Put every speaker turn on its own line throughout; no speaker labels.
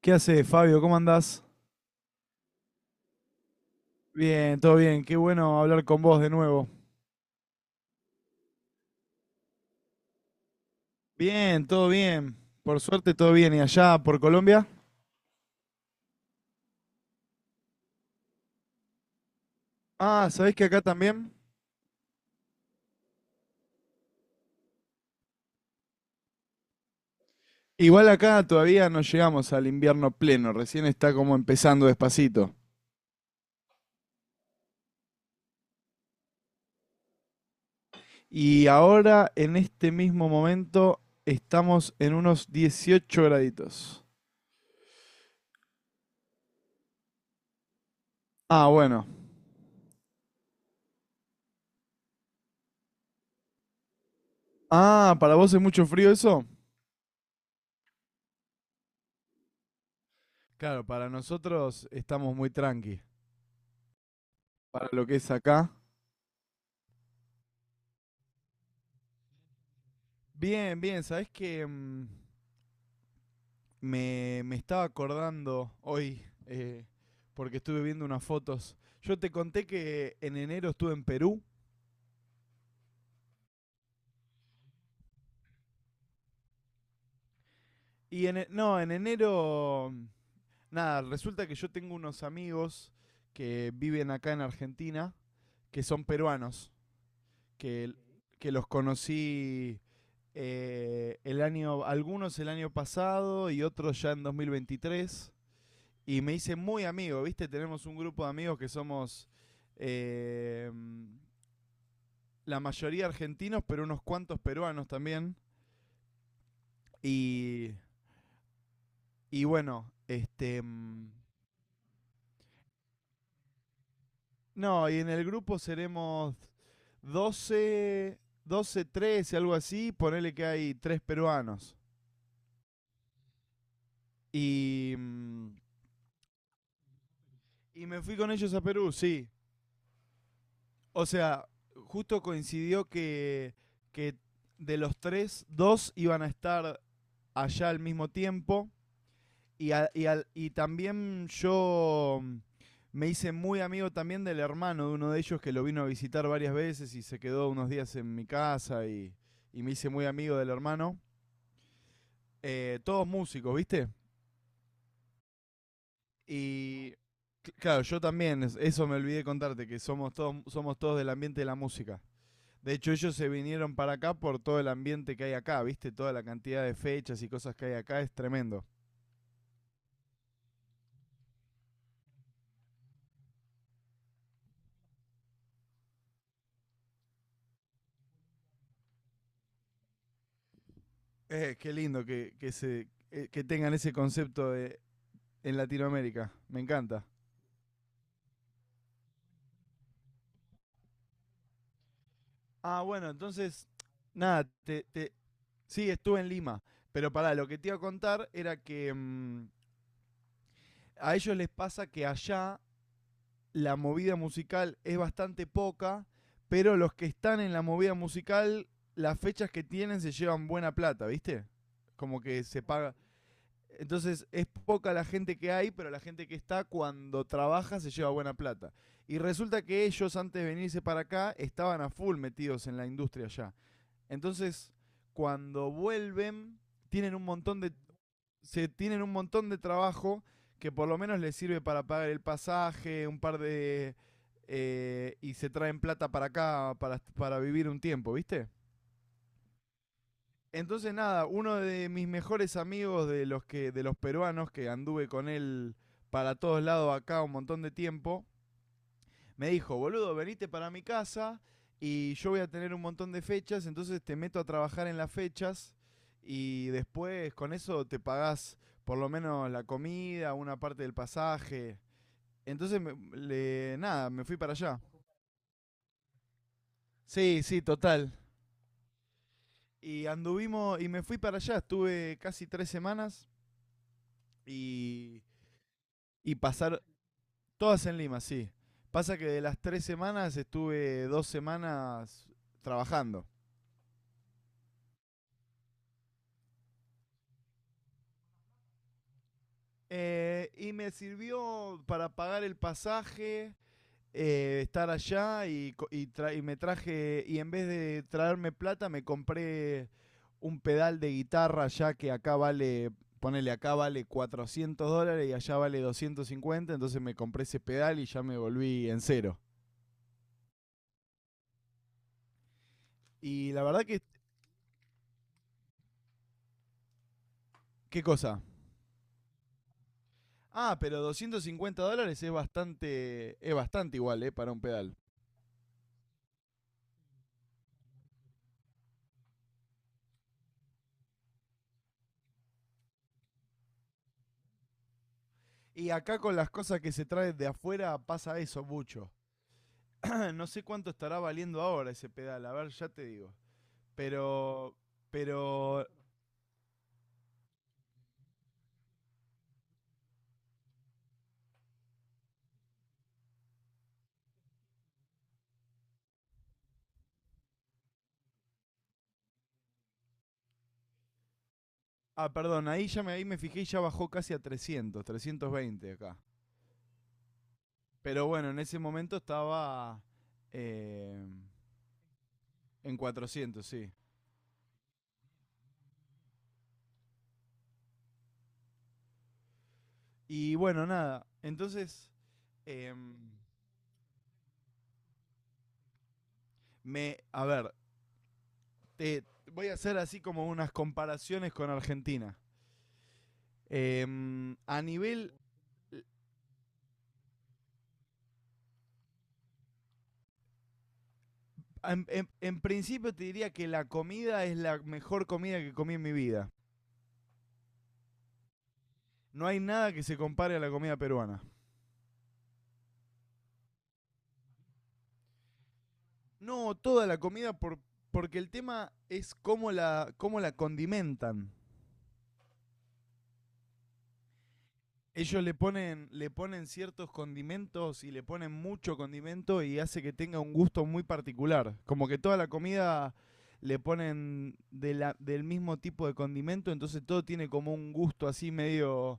¿Qué haces, Fabio? ¿Cómo andás? Bien, todo bien. Qué bueno hablar con vos de nuevo. Bien, todo bien. Por suerte, todo bien. ¿Y allá por Colombia? Ah, ¿sabés que acá también? Igual acá todavía no llegamos al invierno pleno, recién está como empezando despacito. Y ahora, en este mismo momento, estamos en unos 18 graditos. Ah, bueno. Ah, ¿para vos es mucho frío eso? Claro, para nosotros estamos muy tranqui. Para lo que es acá. Bien, bien, ¿sabés que, me estaba acordando hoy, eh, porque estuve viendo unas fotos. Yo te conté que en enero estuve en Perú. Y en, e- no, En enero, nada, resulta que yo tengo unos amigos que viven acá en Argentina, que son peruanos, que, que los conocí el año, algunos el año pasado y otros ya en 2023. Y me hice muy amigo, ¿viste? Tenemos un grupo de amigos que somos eh, mm, la mayoría argentinos, pero unos cuantos peruanos también. Y, y bueno, no, y en el grupo seremos doce, 13 algo así. Ponele que hay tres peruanos. Y, mm, y me fui con ellos a Perú, sí. O sea, justo coincidió que de los tres, dos iban a estar allá al mismo tiempo. Y también yo me hice muy amigo también del hermano de uno de ellos que lo vino a visitar varias veces y se quedó unos días en mi casa y me hice muy amigo del hermano. Todos músicos, ¿viste? Y claro, yo también, eso me olvidé contarte, que somos todos del ambiente de la música. De hecho, ellos se vinieron para acá por todo el ambiente que hay acá, ¿viste? Toda la cantidad de fechas y cosas que hay acá es tremendo. Qué lindo que tengan ese concepto de en Latinoamérica. Me encanta. Ah, bueno, entonces, nada, te- sí, estuve en Lima. Pero pará, lo que te iba a contar era que a ellos les pasa que allá la movida musical es bastante poca, pero los que están en la movida musical, las fechas que tienen se llevan buena plata, ¿viste? Como que se paga. Entonces es poca la gente que hay, pero la gente que está cuando trabaja se lleva buena plata. Y resulta que ellos antes de venirse para acá estaban a full metidos en la industria ya. Entonces, cuando vuelven, tienen un montón de se tienen un montón de trabajo que por lo menos les sirve para pagar el pasaje, un par de y se traen plata para acá para vivir un tiempo, ¿viste? Entonces nada, uno de mis mejores amigos de los peruanos que anduve con él para todos lados acá un montón de tiempo, me dijo, "Boludo, venite para mi casa y yo voy a tener un montón de fechas, entonces te meto a trabajar en las fechas y después con eso te pagás por lo menos la comida, una parte del pasaje." Nada, me fui para allá. Sí, sí, total. Y anduvimos y me fui para allá, estuve casi tres semanas. Y Y pasar Todas en Lima, sí. Pasa que de las tres semanas estuve dos semanas trabajando. Y me sirvió para pagar el pasaje, estar allá y, y me traje, y en vez de traerme plata, me compré un pedal de guitarra ya que acá vale, ponele acá vale $400 y allá vale 250, entonces me compré ese pedal y ya me volví en cero. Y la verdad que, ¿qué cosa? Ah, pero $250 es bastante igual, ¿eh? Para un pedal. Y acá con las cosas que se traen de afuera pasa eso mucho. No sé cuánto estará valiendo ahora ese pedal, a ver, ya te digo. Pero, pero, ah, perdón, ahí ya me, ahí me fijé y ya bajó casi a 300, 320 acá. Pero bueno, en ese momento estaba eh, en 400, sí. Y bueno, nada, entonces, em, a ver, te voy a hacer así como unas comparaciones con Argentina. Em, a nivel, en principio te diría que la comida es la mejor comida que comí en mi vida. No hay nada que se compare a la comida peruana. No, toda la comida por, porque el tema es cómo la condimentan. Ellos le ponen ciertos condimentos y le ponen mucho condimento y hace que tenga un gusto muy particular. Como que toda la comida le ponen del mismo tipo de condimento, entonces todo tiene como un gusto así medio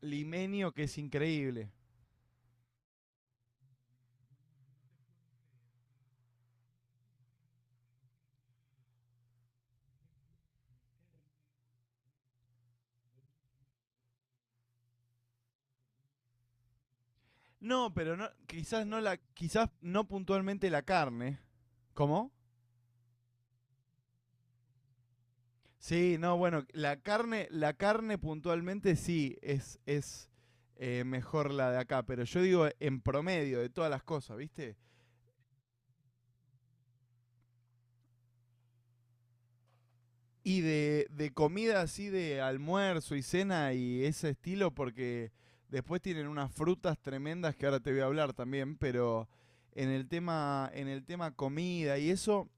limenio que es increíble. No, pero no, quizás no la, quizás no puntualmente la carne. ¿Cómo? Sí, no, bueno, la carne puntualmente sí es, es mejor la de acá, pero yo digo en promedio de todas las cosas, ¿viste? Y de comida así de almuerzo y cena y ese estilo, porque después tienen unas frutas tremendas que ahora te voy a hablar también, pero en el tema comida y eso,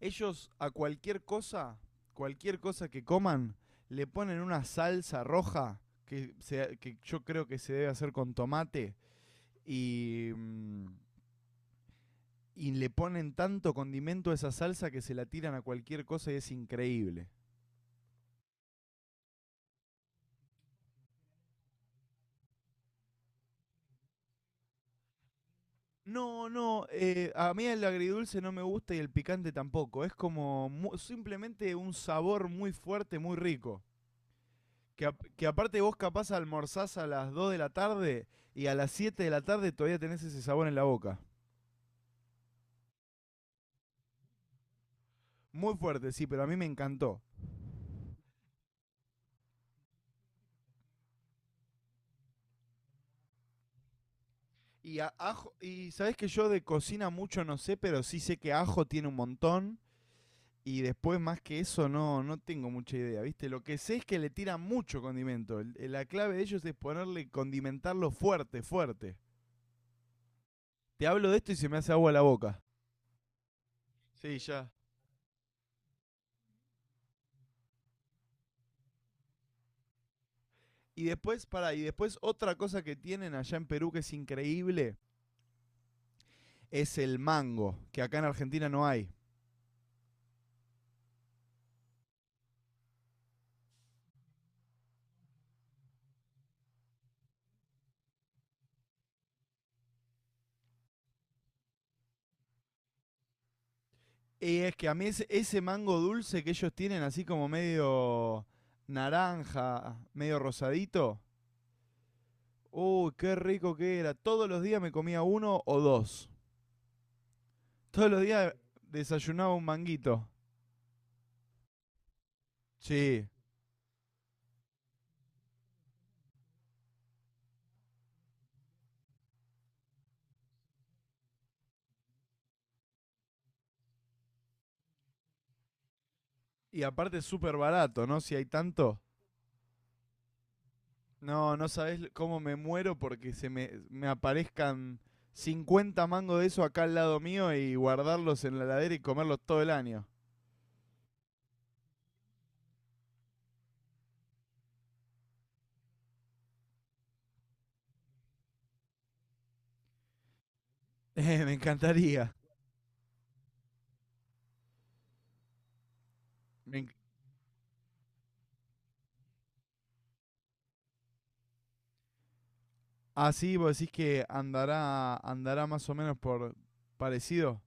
ellos a cualquier cosa que coman, le ponen una salsa roja que yo creo que se debe hacer con tomate y, mm, y le ponen tanto condimento a esa salsa que se la tiran a cualquier cosa y es increíble. No, a mí el agridulce no me gusta y el picante tampoco. Es simplemente un sabor muy fuerte, muy rico. Que, que aparte vos capaz almorzás a las 2 de la tarde y a las 7 de la tarde todavía tenés ese sabor en la boca. Muy fuerte, sí, pero a mí me encantó. Ajo, y sabés que yo de cocina mucho no sé, pero sí sé que ajo tiene un montón. Y después, más que eso, no, no tengo mucha idea, ¿viste? Lo que sé es que le tiran mucho condimento. La clave de ellos es ponerle, condimentarlo fuerte, fuerte. Te hablo de esto y se me hace agua la boca. Sí, ya. Y después, y después otra cosa que tienen allá en Perú que es increíble es el mango, que acá en Argentina no hay. Y es que a mí ese, ese mango dulce que ellos tienen, así como medio naranja, medio rosadito, uy, qué rico que era. Todos los días me comía uno o dos. Todos los días desayunaba un manguito. Sí. Y aparte es súper barato, ¿no? Si hay tanto. No, no sabés cómo me muero porque me aparezcan 50 mangos de eso acá al lado mío y guardarlos en la heladera y comerlos todo el año. Me encantaría. Me enc- Así vos decís que andará, andará más o menos por parecido.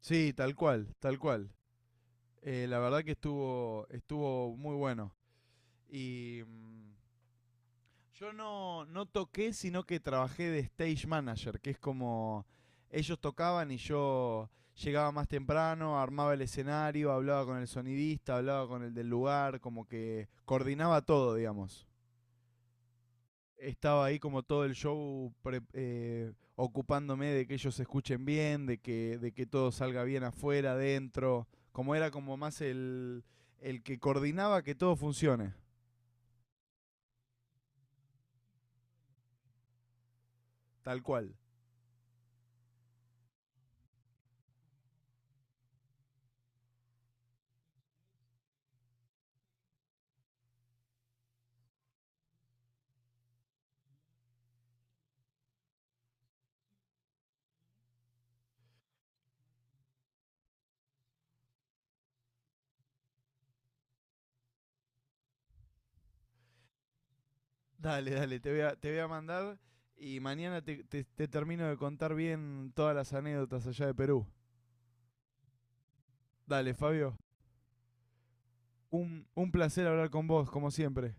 Sí, tal cual, tal cual. La verdad que estuvo, estuvo muy bueno. Y mm, Yo no, no toqué, sino que trabajé de stage manager, que es como ellos tocaban y yo llegaba más temprano, armaba el escenario, hablaba con el sonidista, hablaba con el del lugar, como que coordinaba todo, digamos. Estaba ahí como todo el show ocupándome de que ellos se escuchen bien, de que todo salga bien afuera, adentro. Como era como más el que coordinaba que todo funcione, tal cual. Dale, dale, te voy a mandar y mañana te, te termino de contar bien todas las anécdotas allá de Perú. Dale, Fabio, un placer hablar con vos, como siempre.